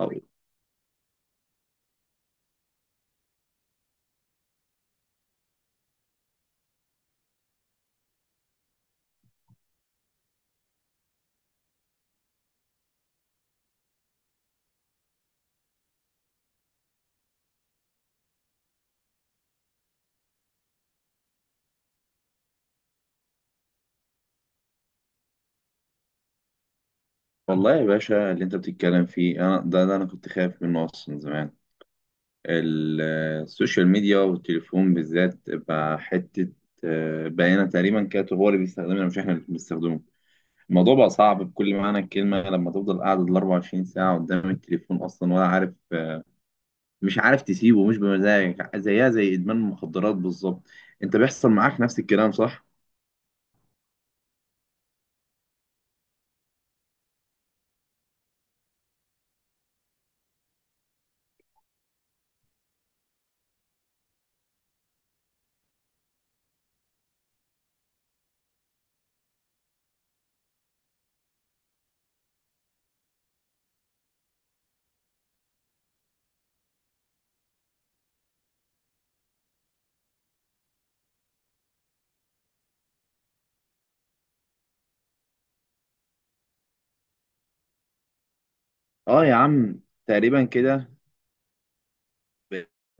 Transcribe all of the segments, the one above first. أو- والله يا باشا اللي انت بتتكلم فيه انا ده انا كنت خايف منه اصلا من زمان. ال- السوشيال ميديا والتليفون بالذات بقى حته. بقينا تقريبا كاتب هو اللي بيستخدمنا مش احنا اللي بنستخدمه. الموضوع بقى صعب بكل معنى الكلمه لما تفضل قاعد ال 24 ساعه قدام التليفون اصلا ولا عارف، مش عارف تسيبه، مش بمزاجك، زيها زي ادمان المخدرات بالظبط. انت بيحصل معاك نفس الكلام صح؟ اه يا عم. تقريبا كده.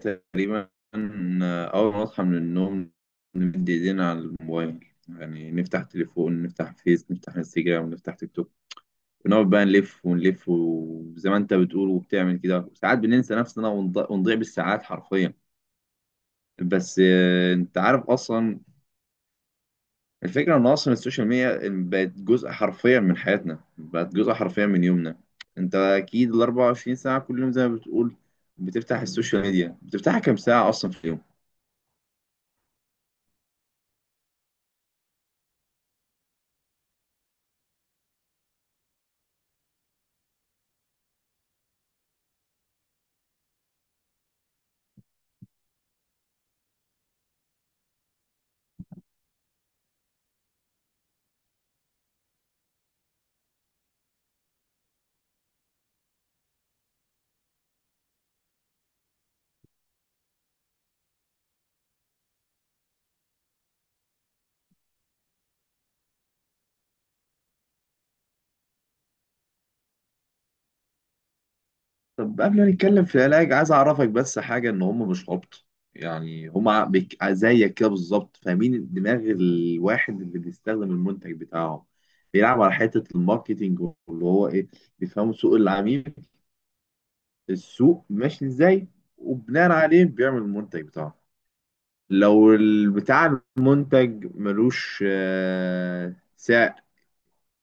تقريبا. أول ما أصحى من النوم نمد إيدينا على الموبايل، يعني نفتح تليفون، نفتح فيس، نفتح انستجرام، نفتح تيك توك، ونقعد بقى نلف ونلف، وزي ما أنت بتقول وبتعمل كده، وساعات بننسى نفسنا ونضيع بالساعات حرفيا. بس أنت عارف أصلا. الفكرة إن أصلا السوشيال ميديا بقت جزء حرفيا من حياتنا، بقت جزء حرفيا من يومنا. أنت أكيد ال 24 ساعة كل يوم زي ما بتقول بتفتح السوشيال ميديا، بتفتحها كام ساعة أصلا في اليوم؟ طب قبل ما نتكلم في العلاج عايز اعرفك بس حاجه، ان هم مش عبط. يعني هم زيك كده بالظبط، فاهمين دماغ الواحد اللي بيستخدم المنتج بتاعهم. بيلعب على حته الماركتينج، واللي هو ايه، بيفهموا سوق العميل، السوق ماشي ازاي، وبناء عليه بيعمل المنتج بتاعه. لو بتاع المنتج ملوش سعر،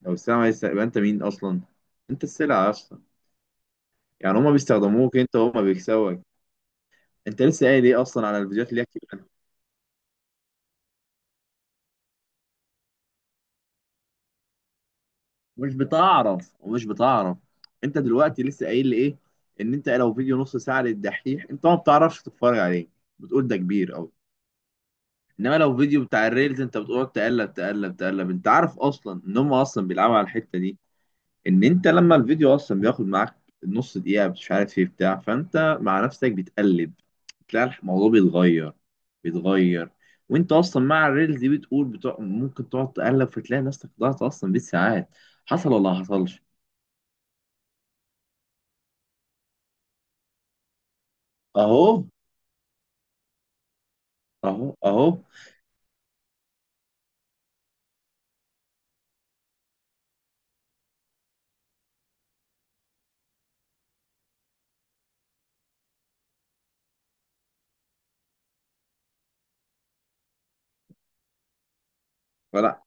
لو السلعه مالهاش سعر يبقى انت مين اصلا؟ انت السلعه اصلا. يعني هما بيستخدموك انت وهما بيكسبوا. انت لسه قايل ايه اصلا على الفيديوهات اللي هي كتير منها. مش بتعرف ومش بتعرف. انت دلوقتي لسه قايل لي ايه؟ ان انت لو فيديو نص ساعه للدحيح انت ما بتعرفش تتفرج عليه، بتقول ده كبير قوي. انما لو فيديو بتاع الريلز انت بتقعد تقلب تقلب تقلب. انت عارف اصلا ان هم اصلا بيلعبوا على الحته دي، ان انت لما الفيديو اصلا بياخد معاك نص دقيقه مش عارف ايه بتاع، فانت مع نفسك بتقلب، تلاقي الموضوع بيتغير، بيتغير. وانت اصلا مع الريلز دي بتقول بتوع ممكن تقعد تقلب، فتلاقي نفسك ضاعت اصلا بالساعات. حصل ولا ما حصلش؟ اهو. اهو. اهو. فلا،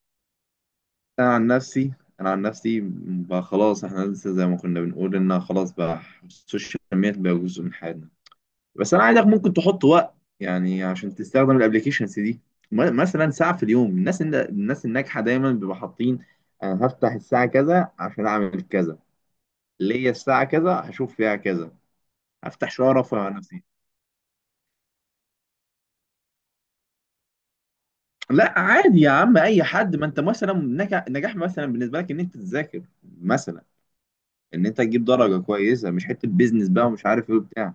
انا عن نفسي، انا عن نفسي بقى خلاص، احنا لسه زي ما كنا بنقول ان خلاص بقى السوشيال ميديا بقى جزء من حياتنا. بس انا عايزك ممكن تحط وقت، يعني عشان تستخدم الابلكيشنز دي. مثلا ساعه في اليوم. الناس الناجحه دايما بيبقى حاطين، انا هفتح الساعه كذا عشان اعمل كذا، ليا الساعه كذا هشوف فيها كذا، هفتح شويه ارفه عن نفسي. لا عادي يا عم اي حد، ما انت مثلا نجاح، نجاح مثلا بالنسبه لك ان انت تذاكر مثلا، ان انت تجيب درجه كويسه، مش حته بيزنس بقى ومش عارف ايه وبتاع.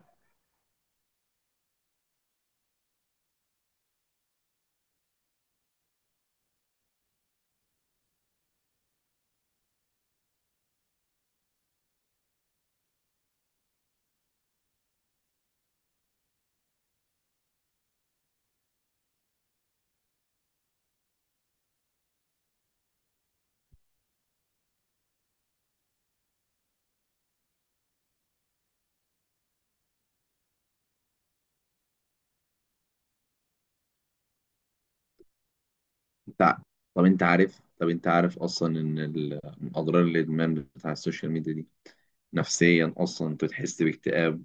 انت ع- طب انت عارف، طب انت عارف اصلا ان من اضرار الادمان بتاع السوشيال ميديا دي، نفسيا اصلا انت تحس باكتئاب،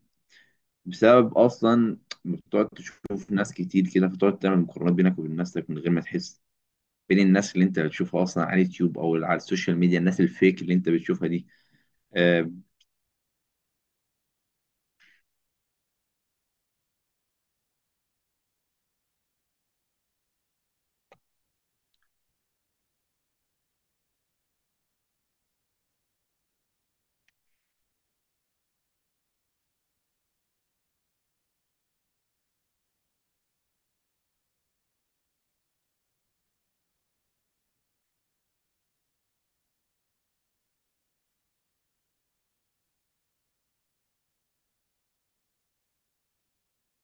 بسبب اصلا إنك بتقعد تشوف ناس كتير كده، فتقعد تعمل مقارنات بينك وبين نفسك من غير ما تحس، بين الناس اللي انت بتشوفها اصلا على اليوتيوب او على السوشيال ميديا، الناس الفيك اللي انت بتشوفها دي. آه.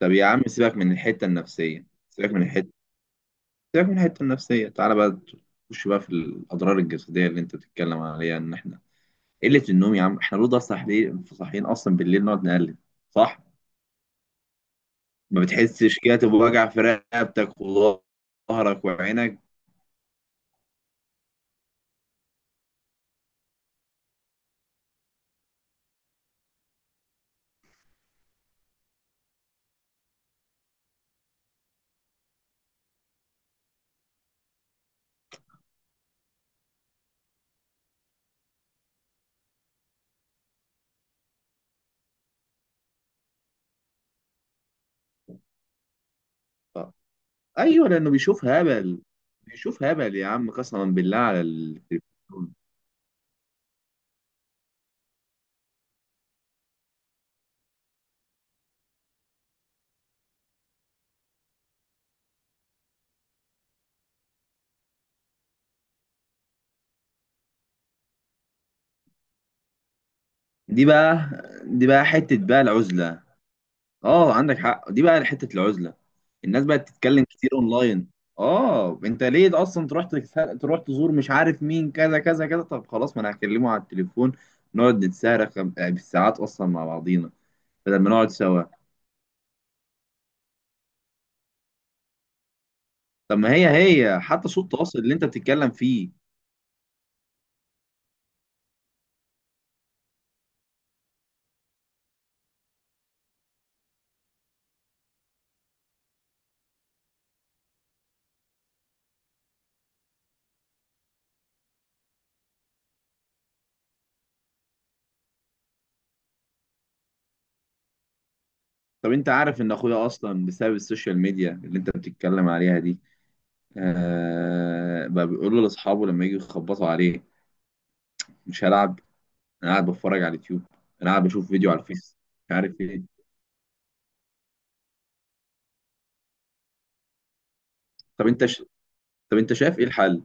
طب يا عم سيبك من الحته النفسيه، سيبك من الحته، سيبك من الحته النفسيه، تعالى بقى تخش بقى في الاضرار الجسديه اللي انت بتتكلم عليها، ان احنا قله النوم يا عم، احنا لو ده صاحيين، صاحيين اصلا بالليل نقعد نقلب، صح؟ ما بتحسش كده بوجع في رقبتك وظهرك وعينك؟ آه. ايوه لانه بيشوف هبل. بيشوف هبل يا عم قسما بالله على التلفزيون. دي بقى، دي بقى حته بقى العزله. اه عندك حق، دي بقى حته العزله. الناس بقت تتكلم كتير اونلاين. اه انت ليه اصلا تروح تروح تزور مش عارف مين كذا كذا كذا؟ طب خلاص ما انا هكلمه على التليفون، نقعد نتسارخ بالساعات اصلا مع بعضينا بدل ما نقعد سوا. طب ما هي، هي حتى صوت التواصل اللي انت بتتكلم فيه. طب انت عارف ان اخويا اصلا بسبب السوشيال ميديا اللي انت بتتكلم عليها دي، آه بقى بيقول له لاصحابه لما يجوا يخبطوا عليه: مش هلعب، انا قاعد بتفرج على اليوتيوب، انا قاعد بشوف فيديو على الفيس، مش عارف ايه. طب انت ش... طب انت شايف ايه الحل؟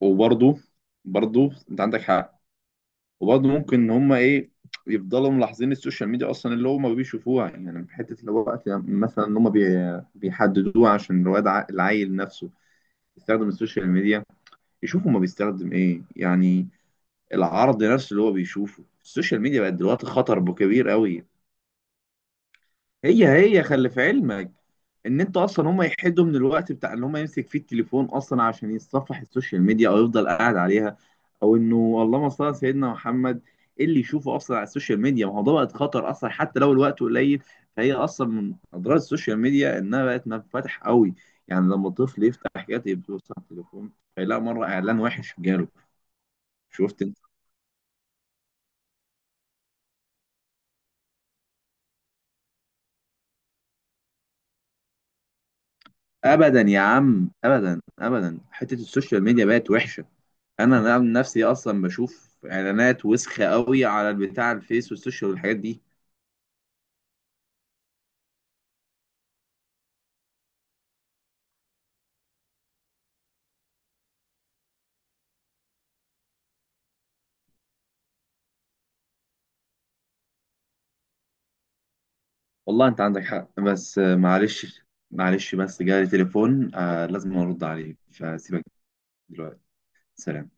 وبرضه، برضه انت عندك حق. وبرضه ممكن ان هم ايه، يفضلوا ملاحظين السوشيال ميديا اصلا اللي هم بيشوفوها، يعني من حته اللي هو وقت مثلا ان بيحددوها عشان الواد العيل نفسه يستخدم السوشيال ميديا، يشوف هما بيستخدم ايه يعني. العرض نفسه اللي هو بيشوفه السوشيال ميديا بقت دلوقتي خطر كبير قوي. هي خلي في علمك ان انت اصلا هم يحدوا من الوقت بتاع ان هم يمسك فيه التليفون اصلا عشان يتصفح السوشيال ميديا او يفضل قاعد عليها، او انه اللهم صل على سيدنا محمد إيه اللي يشوفه اصلا على السوشيال ميديا. ما هو ده بقت خطر اصلا حتى لو الوقت قليل، فهي اصلا من اضرار السوشيال ميديا انها بقت منفتح قوي. يعني لما الطفل يفتح حاجات يبص على التليفون فيلاقي مره اعلان وحش جاله. شفت انت؟ ابدا يا عم، ابدا ابدا، حته السوشيال ميديا بقت وحشه. أنا من نفسي اصلا بشوف اعلانات وسخه قوي على البتاع الفيس والسوشيال والحاجات دي. والله انت عندك حق، بس معلش، معلش بس جالي تليفون آه لازم ارد عليه فسيبك دلوقتي. سلام